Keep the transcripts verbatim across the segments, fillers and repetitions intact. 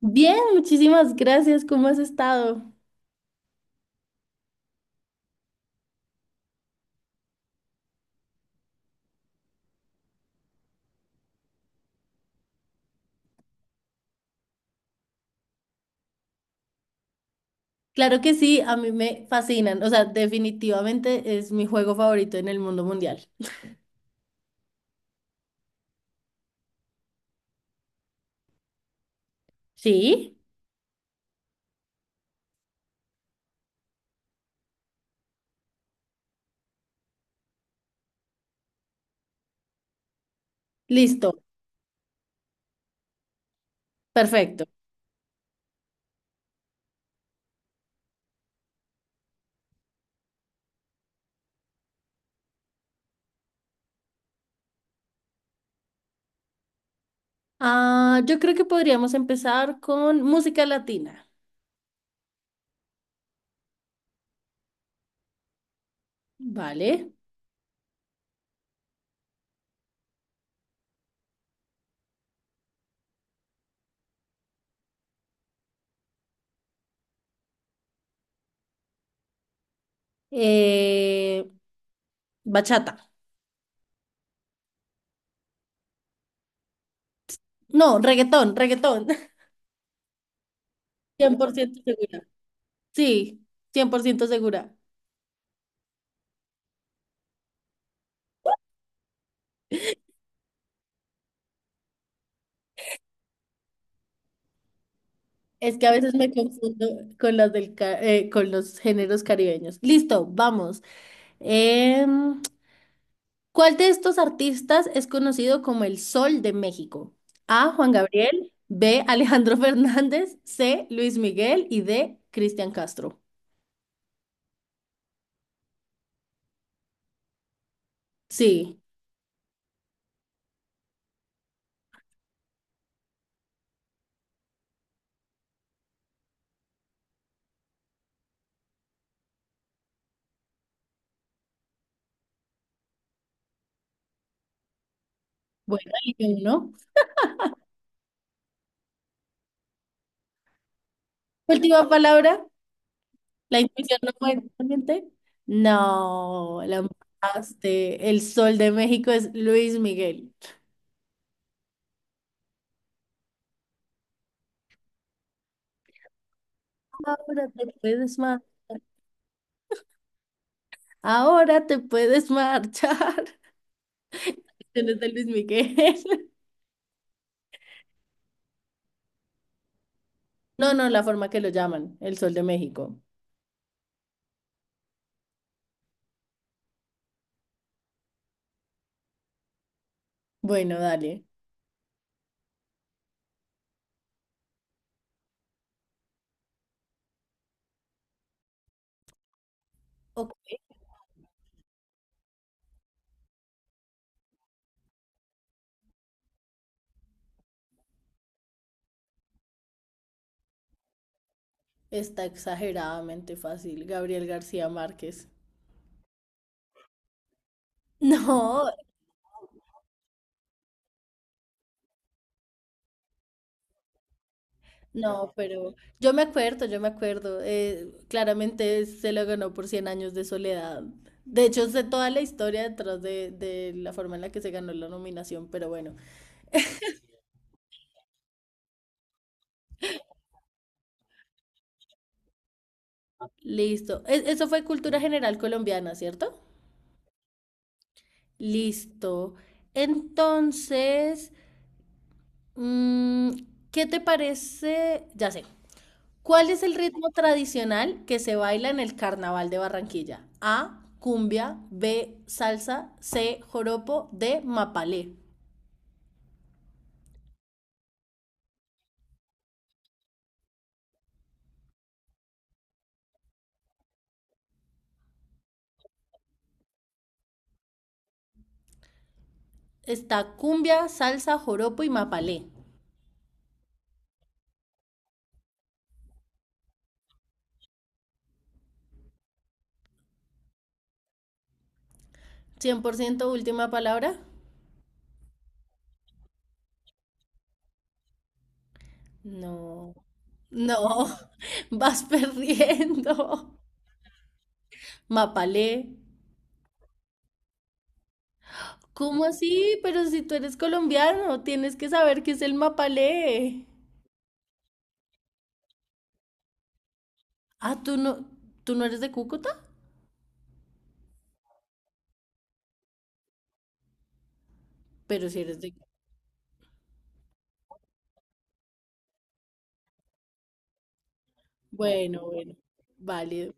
Bien, muchísimas gracias. ¿Cómo has estado? Claro que sí, a mí me fascinan. O sea, definitivamente es mi juego favorito en el mundo mundial. Sí, listo, perfecto. Ah, yo creo que podríamos empezar con música latina. Vale. Eh, bachata. No, reggaetón, reggaetón. Cien por ciento segura. Sí, cien por ciento segura. Es que a veces me confundo con las del ca- eh, con los géneros caribeños. Listo, vamos. Em, ¿cuál de estos artistas es conocido como el Sol de México? A. Juan Gabriel, B. Alejandro Fernández, C. Luis Miguel y D. Cristian Castro. Sí, bueno, y uno. Última palabra, la intuición no fue realmente. No, la mataste. El Sol de México es Luis Miguel. Ahora te puedes marchar. Ahora te puedes marchar. Tienes de Luis Miguel. No, no, la forma que lo llaman, el Sol de México. Bueno, dale. Ok, está exageradamente fácil, Gabriel García Márquez. No, no, pero yo me acuerdo, yo me acuerdo. eh, claramente se lo ganó por Cien años de soledad. De hecho, sé toda la historia detrás de, de la forma en la que se ganó la nominación, pero bueno, listo. E- eso fue cultura general colombiana, ¿cierto? Listo. Entonces, mm, ¿qué te parece? Ya sé. ¿Cuál es el ritmo tradicional que se baila en el Carnaval de Barranquilla? A, cumbia, B, salsa, C, joropo, D, mapalé. Está cumbia, salsa, joropo y mapalé. ¿Cien por ciento última palabra? No, no, vas perdiendo. Mapalé. ¿Cómo así? Pero si tú eres colombiano, tienes que saber qué es el mapalé. Ah, tú no, tú no eres de Cúcuta, pero si eres de. Bueno, bueno, válido.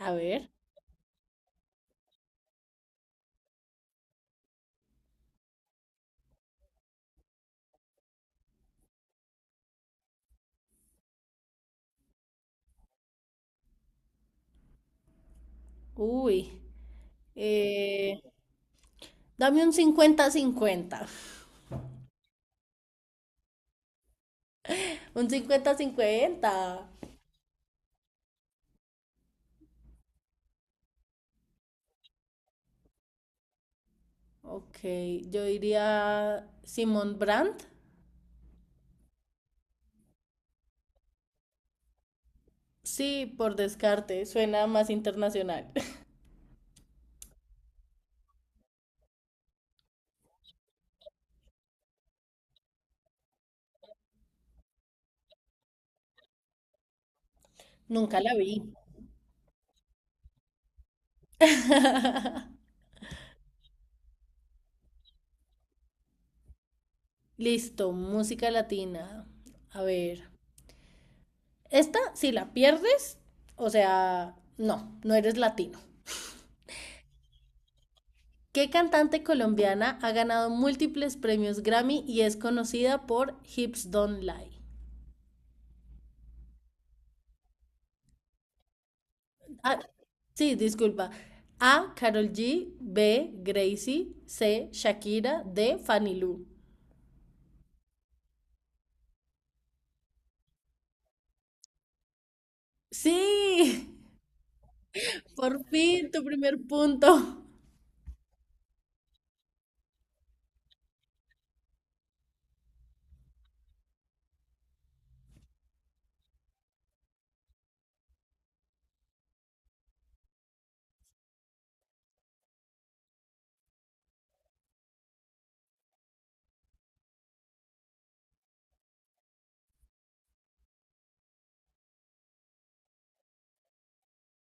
A ver, uy, eh, dame un cincuenta-cincuenta. Un cincuenta-cincuenta. Ok, yo diría Simón Brandt. Sí, por descarte, suena más internacional. Nunca la vi. Listo, música latina. A ver, esta, si la pierdes, o sea, no, no eres latino. ¿Qué cantante colombiana ha ganado múltiples premios Grammy y es conocida por Hips Don't Lie? Ah, sí, disculpa. A. Carol G. B. Gracie. C. Shakira. D. Fanny Lu. Sí, por fin tu primer punto.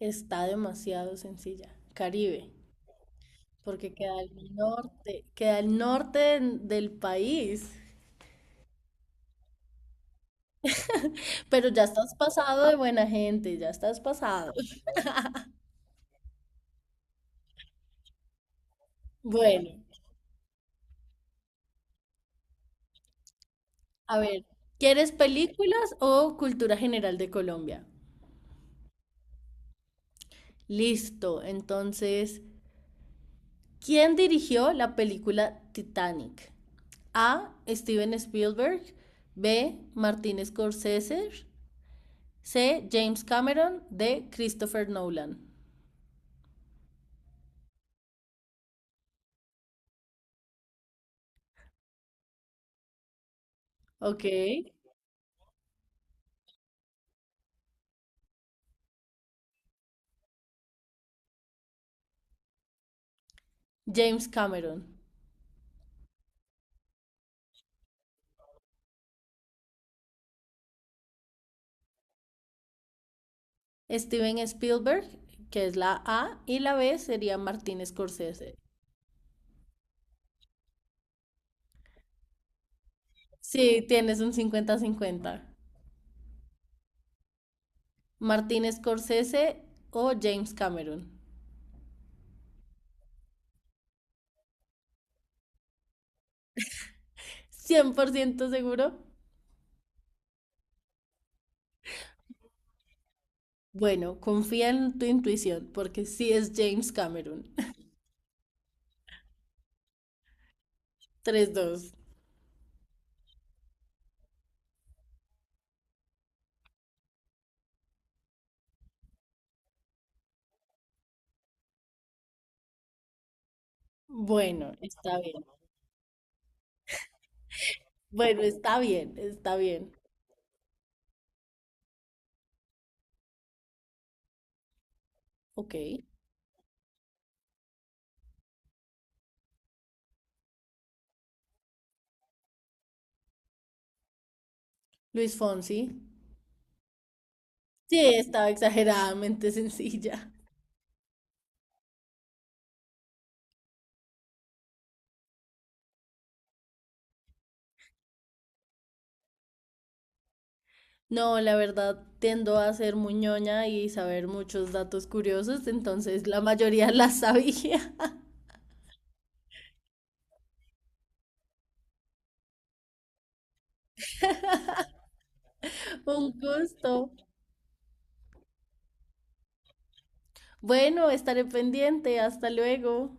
Está demasiado sencilla. Caribe, porque queda al norte, queda al norte del del país. Pero ya estás pasado de buena gente, ya estás pasado. Bueno, a ver, ¿quieres películas o cultura general de Colombia? Listo, entonces, ¿quién dirigió la película Titanic? A. Steven Spielberg. B. Martin Scorsese. C. James Cameron. D. Christopher Nolan. Ok. James Cameron. Steven Spielberg, que es la A, y la B sería Martin Scorsese. Sí, tienes un cincuenta-cincuenta. Martin Scorsese o James Cameron. Cien por ciento seguro. Bueno, confía en tu intuición porque sí es James Cameron. Tres, dos. Bueno, está bien. Bueno, está bien, está bien. Ok. Luis Fonsi. Sí, estaba exageradamente sencilla. No, la verdad, tiendo a ser muñoña y saber muchos datos curiosos, entonces la mayoría la sabía. Un gusto. Bueno, estaré pendiente. Hasta luego.